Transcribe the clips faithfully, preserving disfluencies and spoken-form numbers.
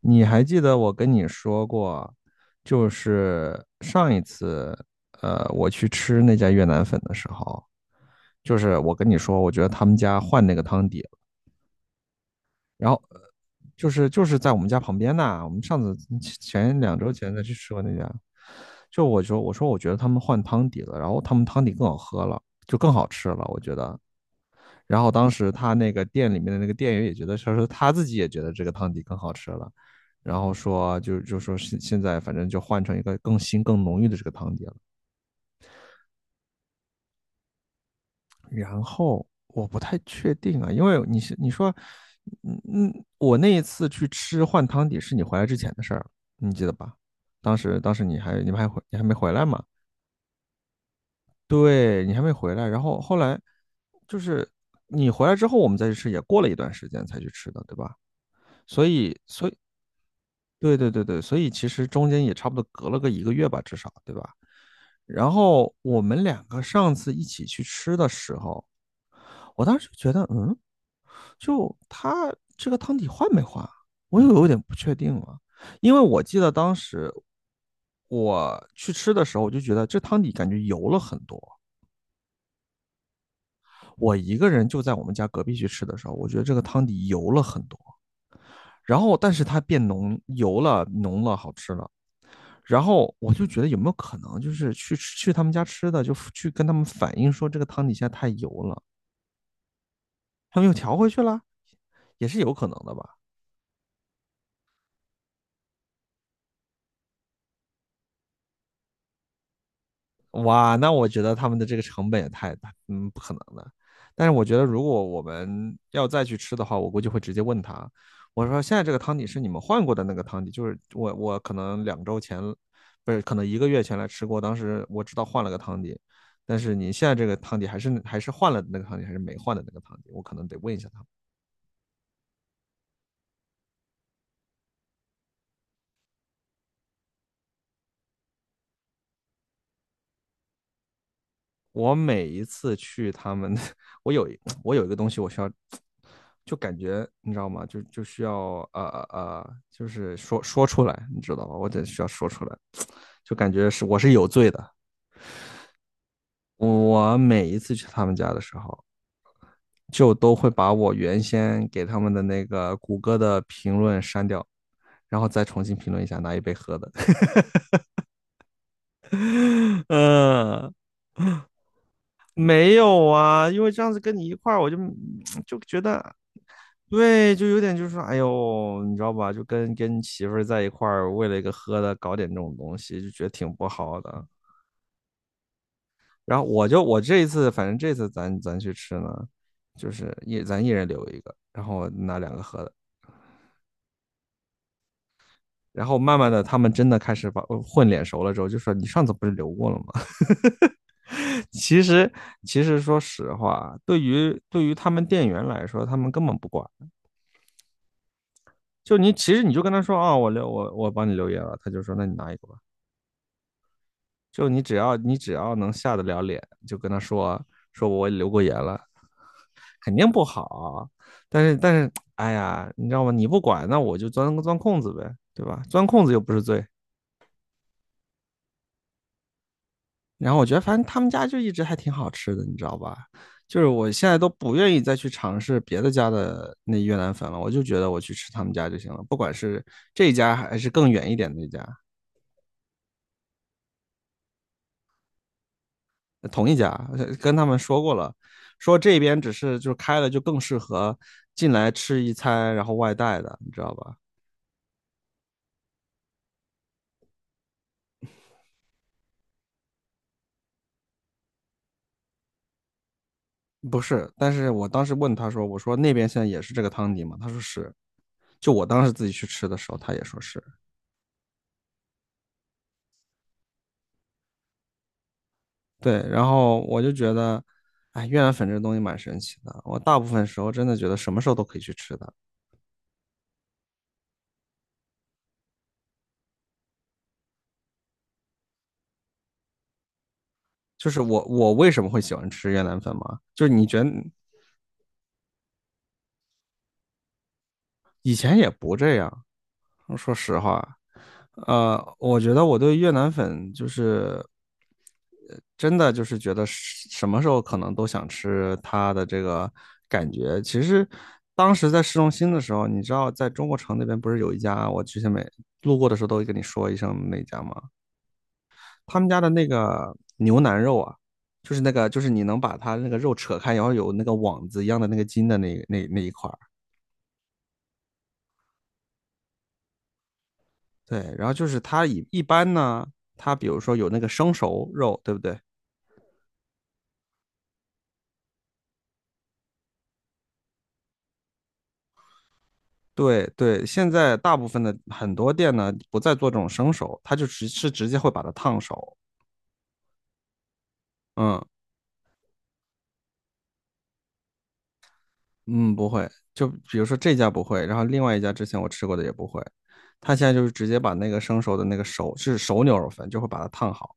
你还记得我跟你说过，就是上一次，呃，我去吃那家越南粉的时候，就是我跟你说，我觉得他们家换那个汤底了。然后呃就是就是在我们家旁边呐，我们上次前两周前才去吃过那家，就我说我说我觉得他们换汤底了，然后他们汤底更好喝了，就更好吃了，我觉得。然后当时他那个店里面的那个店员也觉得，他说他自己也觉得这个汤底更好吃了，然后说就就说现现在反正就换成一个更新更浓郁的这个汤底了。然后我不太确定啊，因为你你说，嗯嗯，我那一次去吃换汤底是你回来之前的事儿，你记得吧？当时当时你还你们还回你还没回来嘛？对你还没回来，然后后来就是你回来之后我们再去吃，也过了一段时间才去吃的，对吧？所以所以对对对对，所以其实中间也差不多隔了个一个月吧，至少，对吧？然后我们两个上次一起去吃的时候，我当时就觉得，嗯，就他这个汤底换没换啊，我又有点不确定了，因为我记得当时我去吃的时候，我就觉得这汤底感觉油了很多。我一个人就在我们家隔壁去吃的时候，我觉得这个汤底油了很多，然后但是它变浓，油了，浓了，好吃了。然后我就觉得有没有可能，就是去去他们家吃的，就去跟他们反映说这个汤底现在太油了，他们又调回去了，也是有可能的吧？哇，那我觉得他们的这个成本也太大，嗯，不可能的。但是我觉得如果我们要再去吃的话，我估计会直接问他，我说现在这个汤底是你们换过的那个汤底，就是我我可能两周前，不是可能一个月前来吃过，当时我知道换了个汤底，但是你现在这个汤底还是还是换了那个汤底，还是没换的那个汤底，我可能得问一下他们。我每一次去他们，我有我有一个东西我需要，就感觉你知道吗？就就需要呃呃，呃就是说说出来，你知道吧？我得需要说出来，就感觉是我是有罪的。我每一次去他们家的时候，就都会把我原先给他们的那个谷歌的评论删掉，然后再重新评论一下，拿一杯喝的。嗯、没有啊，因为这样子跟你一块儿，我就 就觉得，对，就有点就是说，哎呦，你知道吧？就跟跟媳妇儿在一块儿，为了一个喝的搞点这种东西，就觉得挺不好的。然后我就我这一次，反正这次咱咱去吃呢，就是一咱一人留一个，然后拿两个喝的。然后慢慢的，他们真的开始把呃混脸熟了之后，就说你上次不是留过了吗？其实其实说实话，对于对于他们店员来说，他们根本不管。就你其实你就跟他说啊，哦我留我我帮你留言了，他就说那你拿一个吧。就你只要你只要能下得了脸，就跟他说说我留过言了，肯定不好。但是但是，哎呀，你知道吗？你不管，那我就钻钻空子呗，对吧？钻空子又不是罪。然后我觉得反正他们家就一直还挺好吃的，你知道吧？就是我现在都不愿意再去尝试别的家的那越南粉了，我就觉得我去吃他们家就行了，不管是这一家还是更远一点的一家。同一家，呃跟他们说过了，说这边只是就是开了就更适合进来吃一餐，然后外带的，你知道吧？不是，但是我当时问他说，我说那边现在也是这个汤底吗？他说是，就我当时自己去吃的时候，他也说是。对，然后我就觉得，哎，越南粉这东西蛮神奇的，我大部分时候真的觉得什么时候都可以去吃的。就是我我为什么会喜欢吃越南粉嘛？就是你觉得以前也不这样，说实话，呃，我觉得我对越南粉就是呃真的就是觉得是什么时候可能都想吃它的这个感觉。其实当时在市中心的时候，你知道在中国城那边不是有一家，我之前每路过的时候都会跟你说一声那家吗？他们家的那个牛腩肉啊，就是那个就是你能把它那个肉扯开，然后有那个网子一样的那个筋的那那那一块儿。对，然后就是它一一般呢，它比如说有那个生熟肉，对不对？对对，现在大部分的很多店呢不再做这种生熟，它就直是直接会把它烫熟。嗯。嗯，不会，就比如说这家不会，然后另外一家之前我吃过的也不会，他现在就是直接把那个生熟的那个熟是熟牛肉粉，就会把它烫好，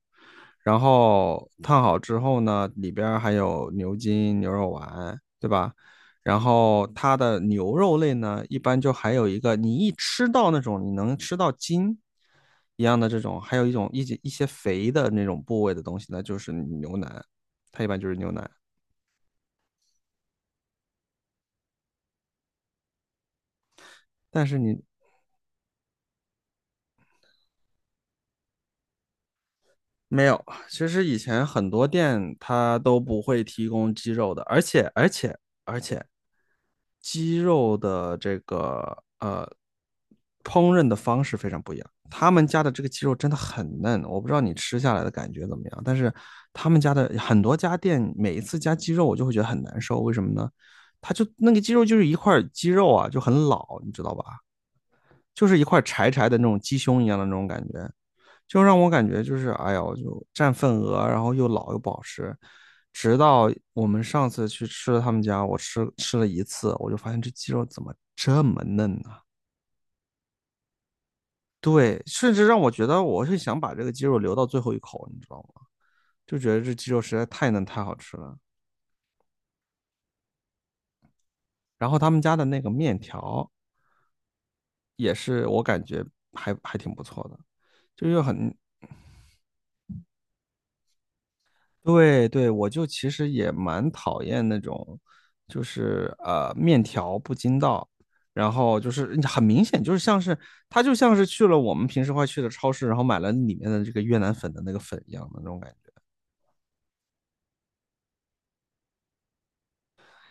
然后烫好之后呢，里边儿还有牛筋、牛肉丸，对吧？然后它的牛肉类呢，一般就还有一个，你一吃到那种你能吃到筋一样的这种，还有一种一些一些肥的那种部位的东西那就是牛腩，它一般就是牛腩。但是你没有，其实以前很多店它都不会提供鸡肉的，而且而且而且，鸡肉的这个呃烹饪的方式非常不一样。他们家的这个鸡肉真的很嫩，我不知道你吃下来的感觉怎么样，但是他们家的很多家店每一次加鸡肉，我就会觉得很难受。为什么呢？它就那个鸡肉就是一块鸡肉啊，就很老，你知道吧？就是一块柴柴的那种鸡胸一样的那种感觉。就让我感觉就是哎呦，我就占份额，然后又老又不好吃。直到我们上次去吃了他们家，我吃吃了一次，我就发现这鸡肉怎么这么嫩呢、啊对，甚至让我觉得我是想把这个鸡肉留到最后一口，你知道吗？就觉得这鸡肉实在太嫩太好吃了。然后他们家的那个面条也是我感觉还还挺不错的，就又很对对，我就其实也蛮讨厌那种，就是呃面条不筋道，然后就是很明显就是像是他就像是去了我们平时会去的超市，然后买了里面的这个越南粉的那个粉一样的那种感觉。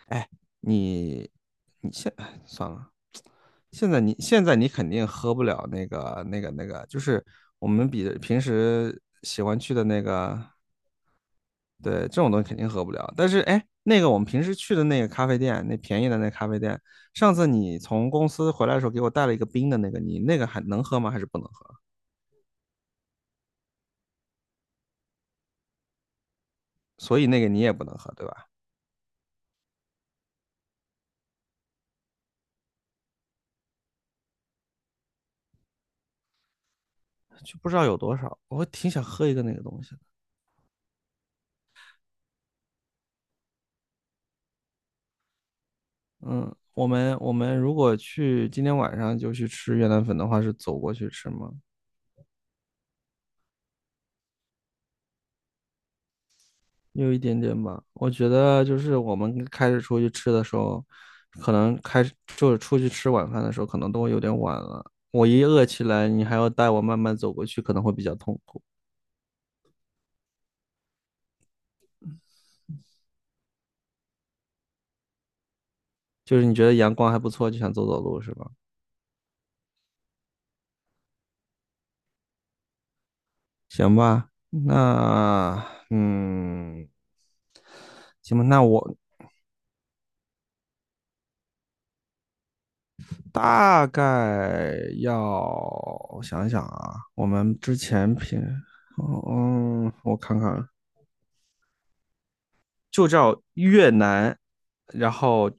哎，你你现哎算了，现在你现在你肯定喝不了那个那个那个，就是我们比平时喜欢去的那个。对，这种东西肯定喝不了。但是，哎，那个我们平时去的那个咖啡店，那便宜的那咖啡店，上次你从公司回来的时候给我带了一个冰的那个，你那个还能喝吗？还是不能喝？所以那个你也不能喝，对吧？就不知道有多少，我挺想喝一个那个东西的。嗯，我们我们如果去今天晚上就去吃越南粉的话，是走过去吃吗？有一点点吧，我觉得就是我们开始出去吃的时候，可能开始就是出去吃晚饭的时候，可能都会有点晚了。我一饿起来，你还要带我慢慢走过去，可能会比较痛苦。就是你觉得阳光还不错，就想走走路是吧？行吧，那嗯，行吧，那我大概要想一想啊，我们之前平，嗯，我看看啊，就叫越南，然后。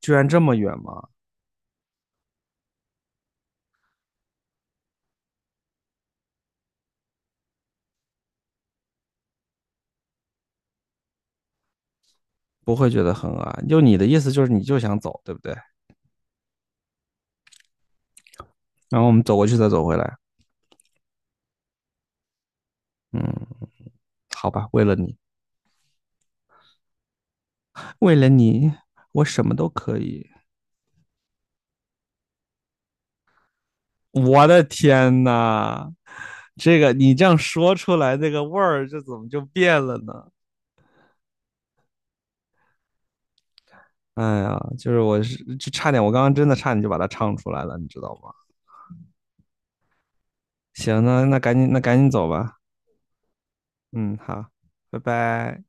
居然这么远吗？不会觉得很恶心就你的意思就是你就想走，对不对？然后我们走过去再走回来，嗯，好吧，为了你，为了你，我什么都可以。我的天呐，这个你这样说出来，那个味儿这怎么就变了呢？哎呀，就是我是就差点，我刚刚真的差点就把它唱出来了，你知道吗？行，那那赶紧那赶紧走吧，嗯，好，拜拜。